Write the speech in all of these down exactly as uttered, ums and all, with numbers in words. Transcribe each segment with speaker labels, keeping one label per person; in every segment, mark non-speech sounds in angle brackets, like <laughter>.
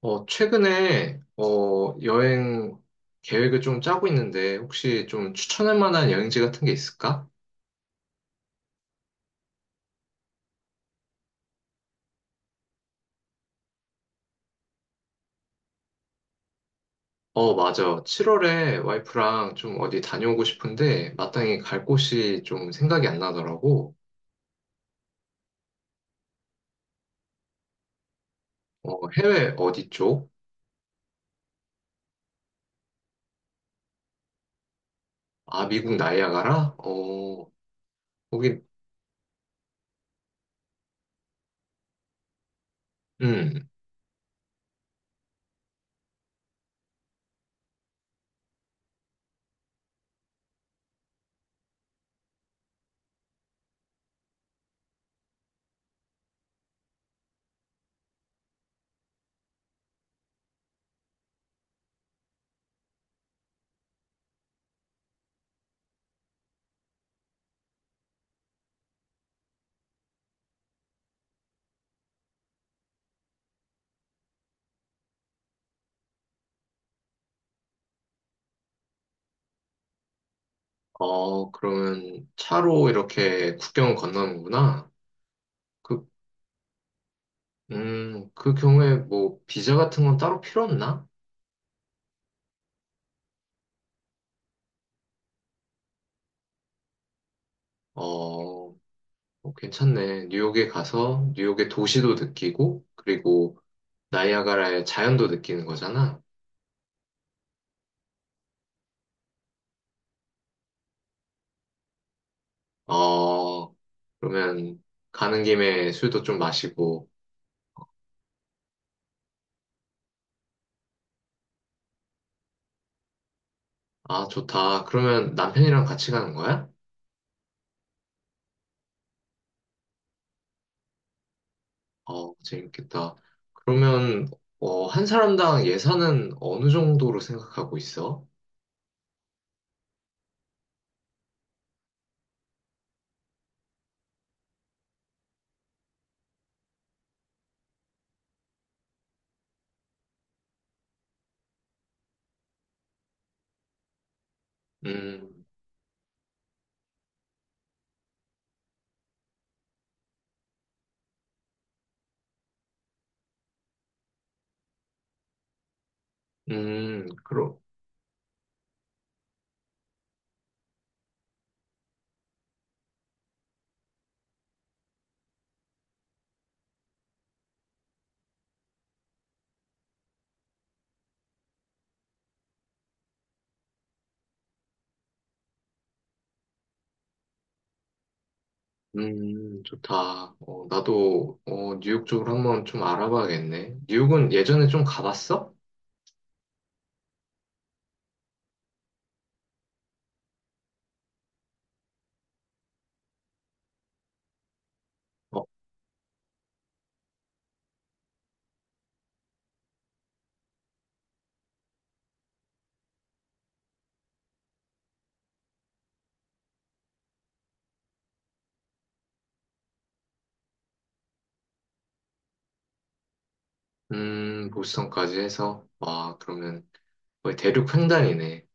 Speaker 1: 어, 최근에, 어, 여행 계획을 좀 짜고 있는데, 혹시 좀 추천할 만한 여행지 같은 게 있을까? 어, 맞아. 칠 월에 와이프랑 좀 어디 다녀오고 싶은데, 마땅히 갈 곳이 좀 생각이 안 나더라고. 어, 해외 어디 쪽? 아, 미국 나이아가라? 어, 거기, 음, 어, 그러면 차로 이렇게 국경을 건너는구나. 그, 음, 그 경우에 뭐, 비자 같은 건 따로 필요 없나? 어, 어, 괜찮네. 뉴욕에 가서 뉴욕의 도시도 느끼고, 그리고 나이아가라의 자연도 느끼는 거잖아. 어, 그러면 가는 김에 술도 좀 마시고, 아, 좋다. 그러면 남편이랑 같이 가는 거야? 어, 재밌겠다. 그러면, 어, 한 사람당 예산은 어느 정도로 생각하고 있어? 음, 음, 그럼, 음, 좋다. 어, 나도, 어, 뉴욕 쪽으로 한번 좀 알아봐야겠네. 뉴욕은 예전에 좀 가봤어? 어, 음, 보스턴까지 해서, 와, 그러면 거의 대륙 횡단이네.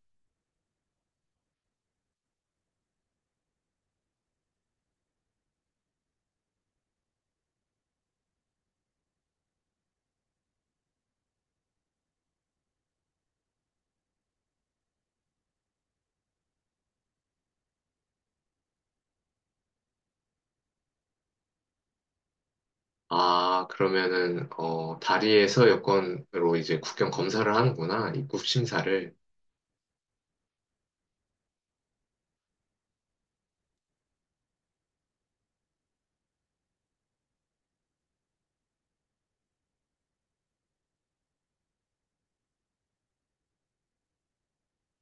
Speaker 1: 아, 그러면은, 어, 다리에서 여권으로 이제 국경 검사를 하는구나. 입국 심사를.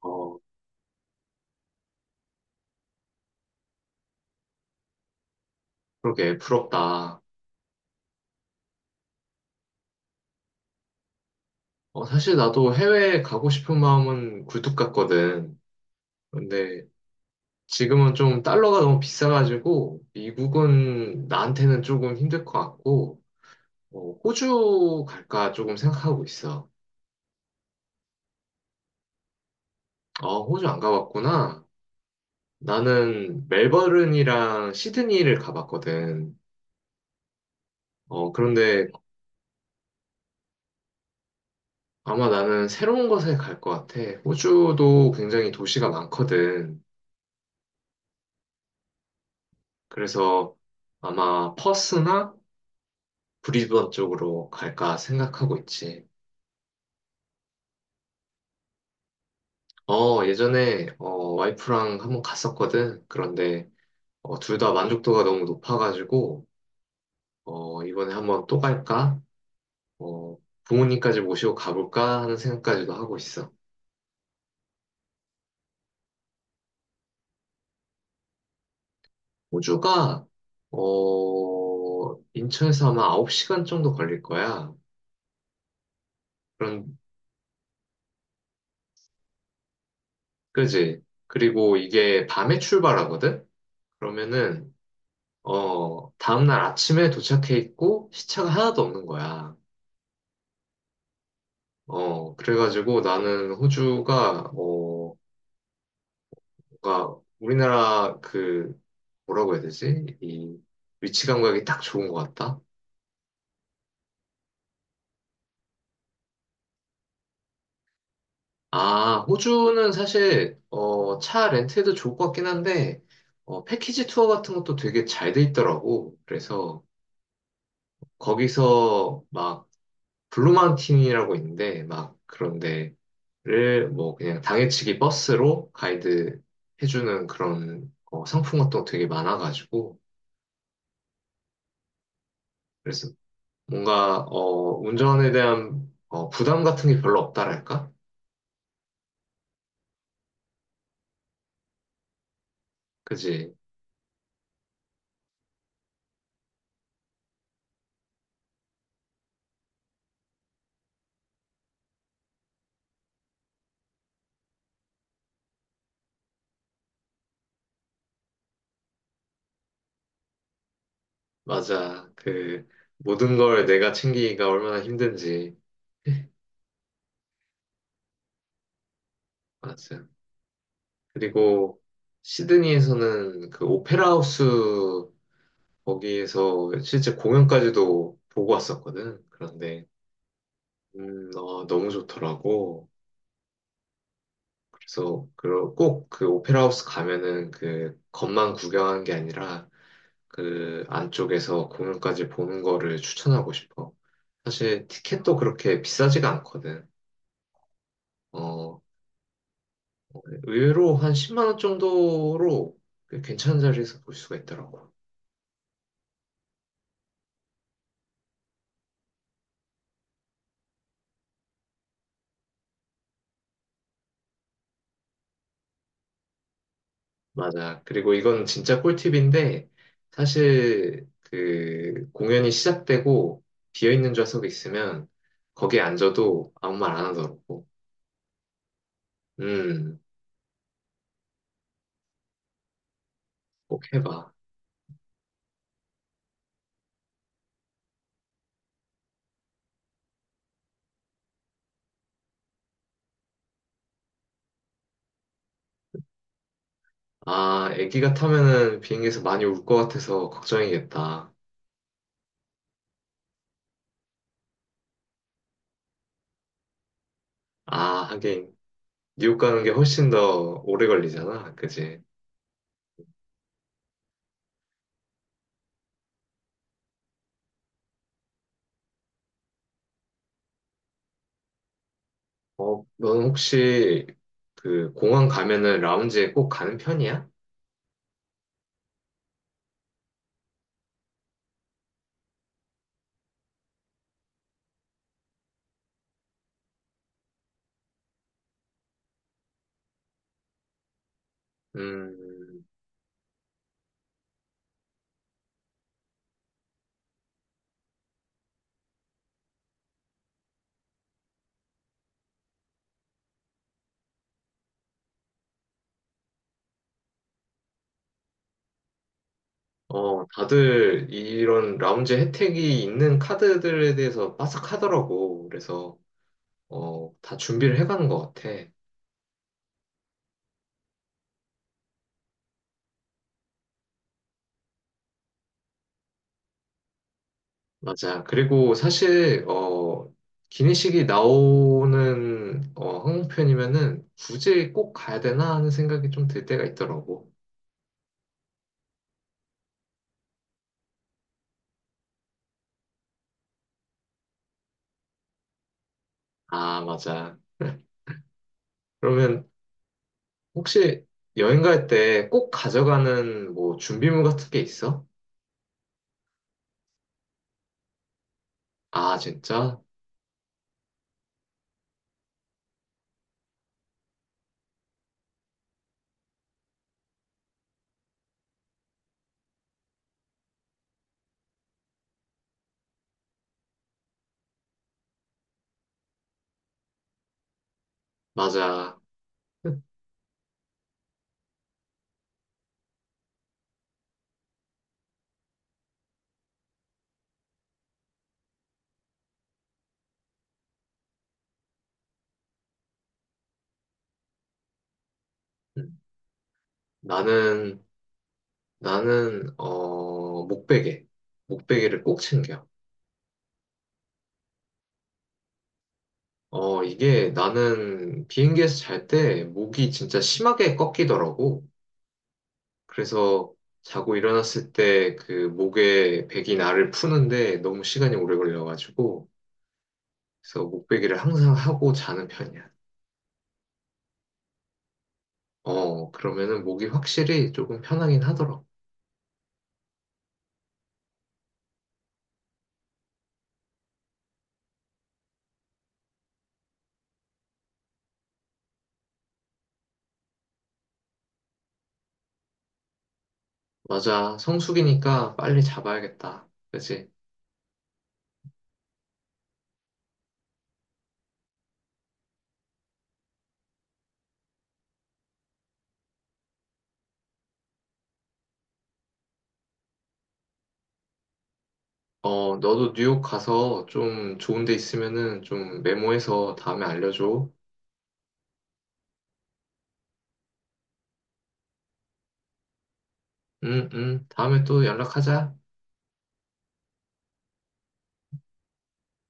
Speaker 1: 어, 그러게, 부럽다. 어, 사실 나도 해외에 가고 싶은 마음은 굴뚝 같거든. 근데 지금은 좀 달러가 너무 비싸가지고, 미국은 나한테는 조금 힘들 것 같고, 어, 호주 갈까 조금 생각하고 있어. 어, 호주 안 가봤구나. 나는 멜버른이랑 시드니를 가봤거든. 어, 그런데 아마 나는 새로운 곳에 갈 것 같아. 호주도 굉장히 도시가 많거든. 그래서 아마 퍼스나 브리즈번 쪽으로 갈까 생각하고 있지. 어, 예전에 어, 와이프랑 한번 갔었거든. 그런데 어, 둘다 만족도가 너무 높아가지고 어, 이번에 한번 또 갈까? 어, 부모님까지 모시고 가볼까 하는 생각까지도 하고 있어. 호주가 어 인천에서 아마 아홉 시간 정도 걸릴 거야. 그런 그지? 그리고 이게 밤에 출발하거든? 그러면은 어 다음날 아침에 도착해 있고 시차가 하나도 없는 거야. 어 그래가지고 나는 호주가 어 뭔가 우리나라 그 뭐라고 해야 되지? 이 위치 감각이 딱 좋은 것 같다. 아, 호주는 사실, 어, 차 렌트도 좋을 것 같긴 한데, 어, 패키지 투어 같은 것도 되게 잘 돼 있더라고. 그래서, 거기서 막, 블루마운틴이라고 있는데, 막, 그런데, 를, 뭐, 그냥 당일치기 버스로 가이드 해주는 그런, 어, 상품 같은 거 되게 많아가지고, 그래서 뭔가, 어, 운전에 대한, 어, 부담 같은 게 별로 없다랄까? 그지? 맞아. 그, 모든 걸 내가 챙기기가 얼마나 힘든지. 네, 맞아요. 그리고 시드니에서는 그 오페라 하우스 거기에서 실제 공연까지도 보고 왔었거든. 그런데 음, 어, 너무 좋더라고. 그래서 꼭 그 오페라 하우스 가면은 그 겉만 구경한 게 아니라 그 안쪽에서 공연까지 보는 거를 추천하고 싶어. 사실 티켓도 그렇게 비싸지가 않거든. 어, 의외로 한 십만 원 정도로 꽤 괜찮은 자리에서 볼 수가 있더라고. 맞아. 그리고 이건 진짜 꿀팁인데, 사실 그 공연이 시작되고 비어있는 좌석이 있으면 거기에 앉아도 아무 말 안 하더라고. 음, 꼭 해봐. 아, 애기가 타면은 비행기에서 많이 울 것 같아서 걱정이겠다. 아, 하긴 뉴욕 가는 게 훨씬 더 오래 걸리잖아. 그지? 어, 넌 혹시 그 공항 가면은 라운지에 꼭 가는 편이야? 음, 어, 다들 이런 라운지 혜택이 있는 카드들에 대해서 빠삭하더라고. 그래서, 어, 다 준비를 해가는 것 같아. 맞아. 그리고 사실, 어, 기내식이 나오는, 어, 항공편이면은 굳이 꼭 가야 되나 하는 생각이 좀 들 때가 있더라고. 아, 맞아. <laughs> 그러면 혹시 여행 갈 때 꼭 가져가는 뭐 준비물 같은 게 있어? 아, 진짜? 맞아. <laughs> 음. 나는 나는 어 목베개, 목베개를 꼭 챙겨. 어 이게 나는 비행기에서 잘 때 목이 진짜 심하게 꺾이더라고. 그래서 자고 일어났을 때 그 목에 백이 나를 푸는데 너무 시간이 오래 걸려가지고 그래서 목베개를 항상 하고 자는 편이야. 어 그러면은 목이 확실히 조금 편하긴 하더라고. 맞아, 성수기니까 빨리 잡아야겠다. 그치? 어, 너도 뉴욕 가서 좀 좋은 데 있으면은 좀 메모해서 다음에 알려줘. 응, 응. 다음에 또 연락하자.